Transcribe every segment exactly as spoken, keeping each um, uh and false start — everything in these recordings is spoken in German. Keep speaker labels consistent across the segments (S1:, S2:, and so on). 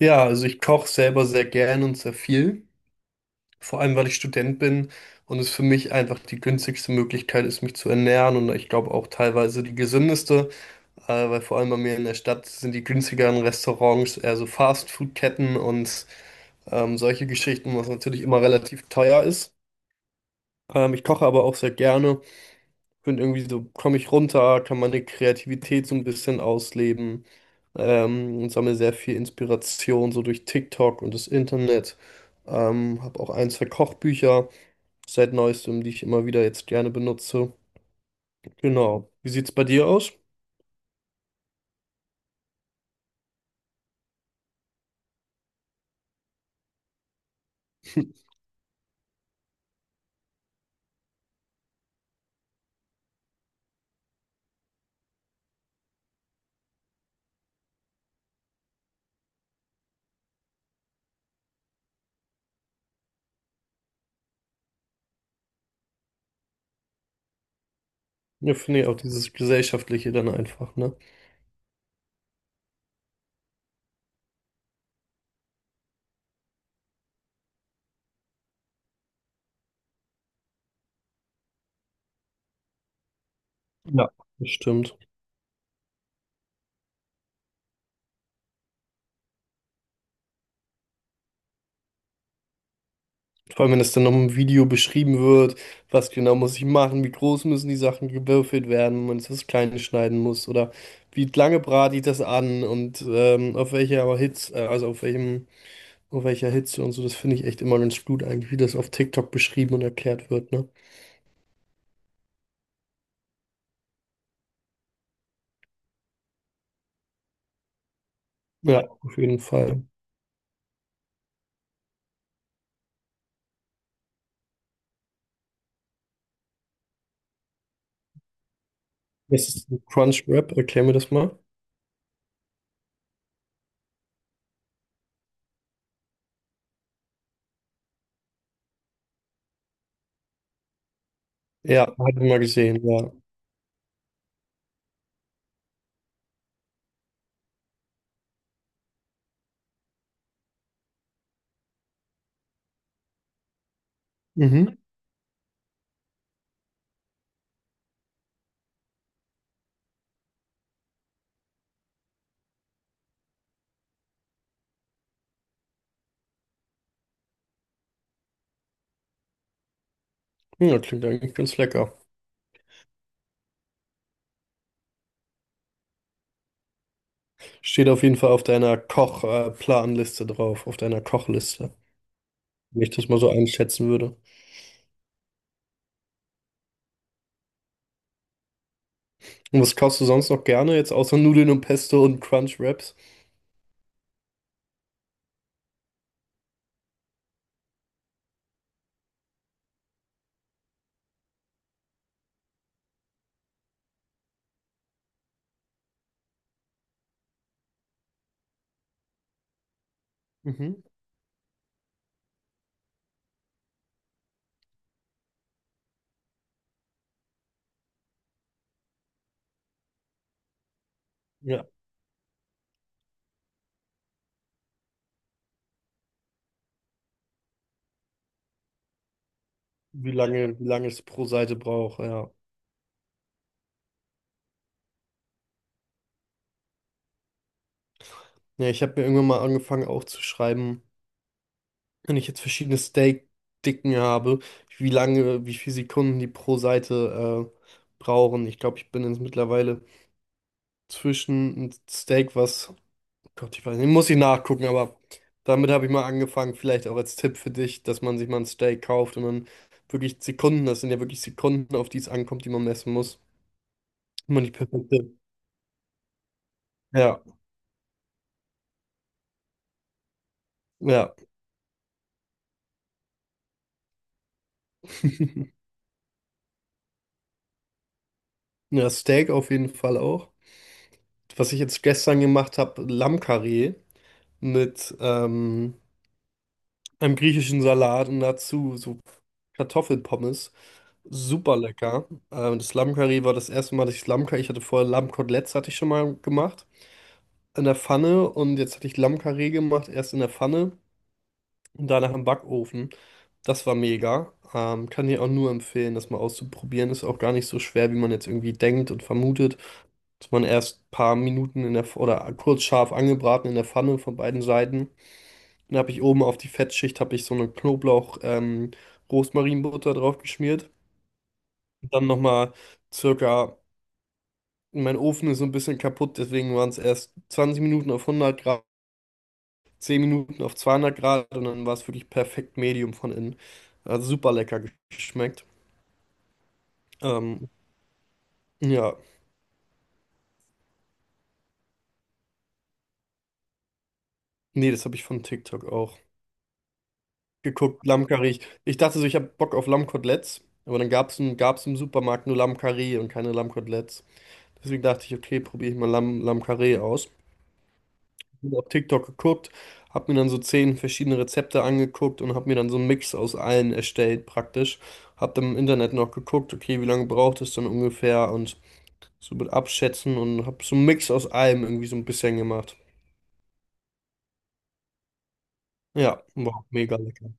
S1: Ja, also ich koche selber sehr gern und sehr viel, vor allem weil ich Student bin und es für mich einfach die günstigste Möglichkeit ist, mich zu ernähren, und ich glaube auch teilweise die gesündeste, äh, weil vor allem bei mir in der Stadt sind die günstigeren Restaurants eher so Fastfood-Ketten und ähm, solche Geschichten, was natürlich immer relativ teuer ist. Ähm, ich koche aber auch sehr gerne, und irgendwie so komme ich runter, kann meine Kreativität so ein bisschen ausleben, ähm, und sammle sehr viel Inspiration so durch TikTok und das Internet. Ähm, habe auch ein, zwei Kochbücher seit neuestem, die ich immer wieder jetzt gerne benutze. Genau. Wie sieht's bei dir aus? Ja, finde ich auch, dieses Gesellschaftliche dann einfach, ne? Ja. Bestimmt. Vor allem, wenn es dann noch im Video beschrieben wird, was genau muss ich machen, wie groß müssen die Sachen gewürfelt werden, wenn man es, was Kleines schneiden muss, oder wie lange brate ich das an und ähm, auf welcher Hitze, äh, also auf welchem, auf welcher Hitze und so. Das finde ich echt immer ganz gut eigentlich, wie das auf TikTok beschrieben und erklärt wird, ne? Ja, auf jeden Fall. Das ist ein Crunchwrap, erklär mir das mal. Ja, habe ich mal gesehen, ja. Mhm. Ja, klingt eigentlich ganz lecker. Steht auf jeden Fall auf deiner Koch-Planliste drauf, auf deiner Kochliste, wenn ich das mal so einschätzen würde. Und was kaufst du sonst noch gerne, jetzt außer Nudeln und Pesto und Crunch Wraps? Mhm. Ja, wie lange, wie lange es pro Seite braucht, ja. Ja, ich habe mir irgendwann mal angefangen aufzuschreiben, wenn ich jetzt verschiedene Steak-Dicken habe, wie lange, wie viele Sekunden die pro Seite äh, brauchen. Ich glaube, ich bin jetzt mittlerweile zwischen ein Steak, was, Gott, ich weiß nicht, muss ich nachgucken, aber damit habe ich mal angefangen, vielleicht auch als Tipp für dich, dass man sich mal ein Steak kauft und dann wirklich Sekunden, das sind ja wirklich Sekunden, auf die es ankommt, die man messen muss. Immer die perfekte. Ja, ja. Ja, Steak auf jeden Fall auch. Was ich jetzt gestern gemacht habe, Lammkarree mit ähm, einem griechischen Salat und dazu so Kartoffelpommes. Super lecker. Ähm, das Lammkarree war das erste Mal, dass ich Lammkarree, ich hatte vorher Lammkoteletts, hatte ich schon mal gemacht in der Pfanne, und jetzt hatte ich Lammkarree gemacht, erst in der Pfanne und danach im Backofen. Das war mega. Ähm, kann ich auch nur empfehlen, das mal auszuprobieren. Ist auch gar nicht so schwer, wie man jetzt irgendwie denkt und vermutet. Dass man erst ein paar Minuten in der, Pf- oder kurz scharf angebraten in der Pfanne von beiden Seiten. Dann habe ich, oben auf die Fettschicht habe ich so eine Knoblauch-, ähm, Rosmarinbutter drauf geschmiert. Und dann nochmal circa, mein Ofen ist so ein bisschen kaputt, deswegen waren es erst zwanzig Minuten auf hundert Grad. Zehn Minuten auf zweihundert Grad, und dann war es wirklich perfekt Medium von innen. Hat super lecker geschmeckt. Ähm, ja, nee, das habe ich von TikTok auch geguckt. Lammkarree. Ich, ich dachte so, ich habe Bock auf Lammkoteletts, aber dann gab es im, gab's im Supermarkt nur Lammkarree und keine Lammkoteletts. Deswegen dachte ich, okay, probiere ich mal Lamm, Lammkarree aus. Hab auf TikTok geguckt, habe mir dann so zehn verschiedene Rezepte angeguckt und habe mir dann so einen Mix aus allen erstellt praktisch. Habe dann im Internet noch geguckt, okay, wie lange braucht es dann ungefähr, und so mit Abschätzen, und habe so einen Mix aus allem irgendwie so ein bisschen gemacht. Ja, war mega lecker.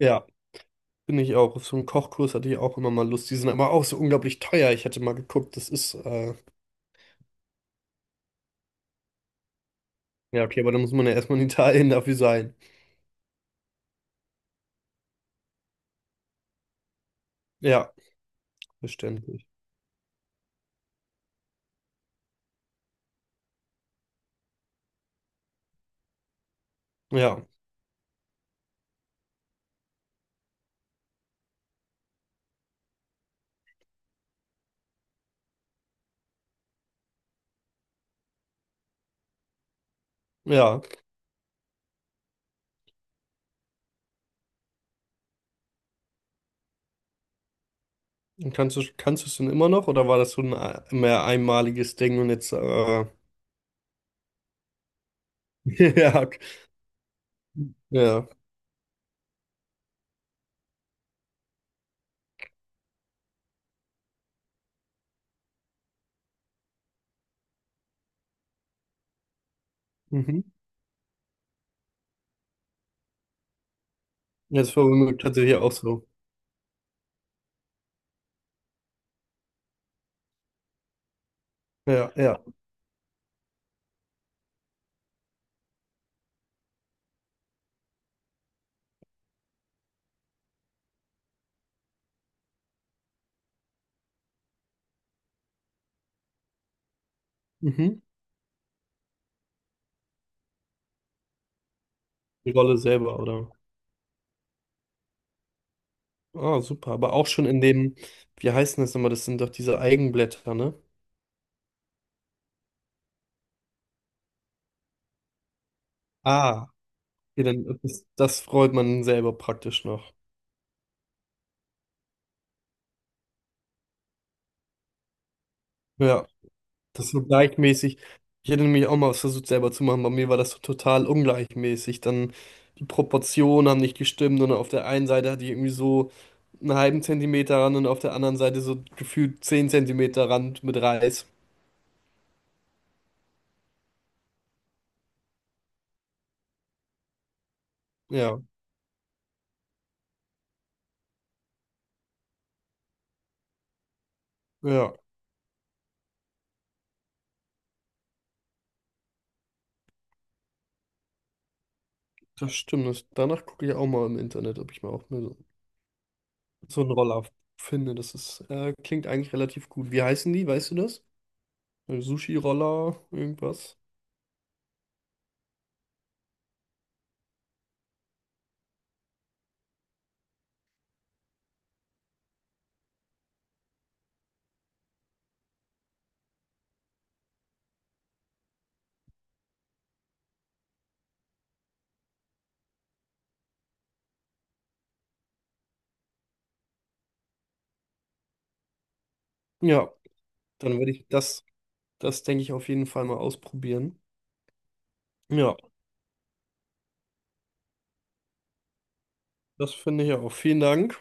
S1: Ja, bin ich auch. Auf so einen Kochkurs hatte ich auch immer mal Lust. Die sind aber auch so unglaublich teuer. Ich hatte mal geguckt, das ist, äh, ja, okay, aber da muss man ja erstmal in Italien dafür sein. Ja, verständlich. Ja, ja. Und kannst du, kannst du es denn immer noch, oder war das so ein äh, mehr einmaliges Ding und jetzt, äh, ja, okay. Ja, mhm. Jetzt vermögen tatsächlich auch so. Ja, ja, mhm. Die Rolle selber, oder? Ah, super. Aber auch schon in dem, wie heißen das immer? Das sind doch diese Eigenblätter, ne? Ah. Okay, dann, das, das freut man selber praktisch noch. Ja, das ist so gleichmäßig. Ich hätte nämlich auch mal was versucht selber zu machen. Bei mir war das so total ungleichmäßig. Dann die Proportionen haben nicht gestimmt, und auf der einen Seite hatte ich irgendwie so einen halben Zentimeter Rand, und auf der anderen Seite so gefühlt zehn Zentimeter Rand mit Reis. Ja, ja, das stimmt. Das, danach gucke ich auch mal im Internet, ob ich mal auch mal so so einen Roller finde. Das ist, äh, klingt eigentlich relativ gut. Wie heißen die? Weißt du das? Äh, Sushi-Roller, irgendwas. Ja, dann werde ich das, das denke ich auf jeden Fall mal ausprobieren. Ja, das finde ich auch. Vielen Dank.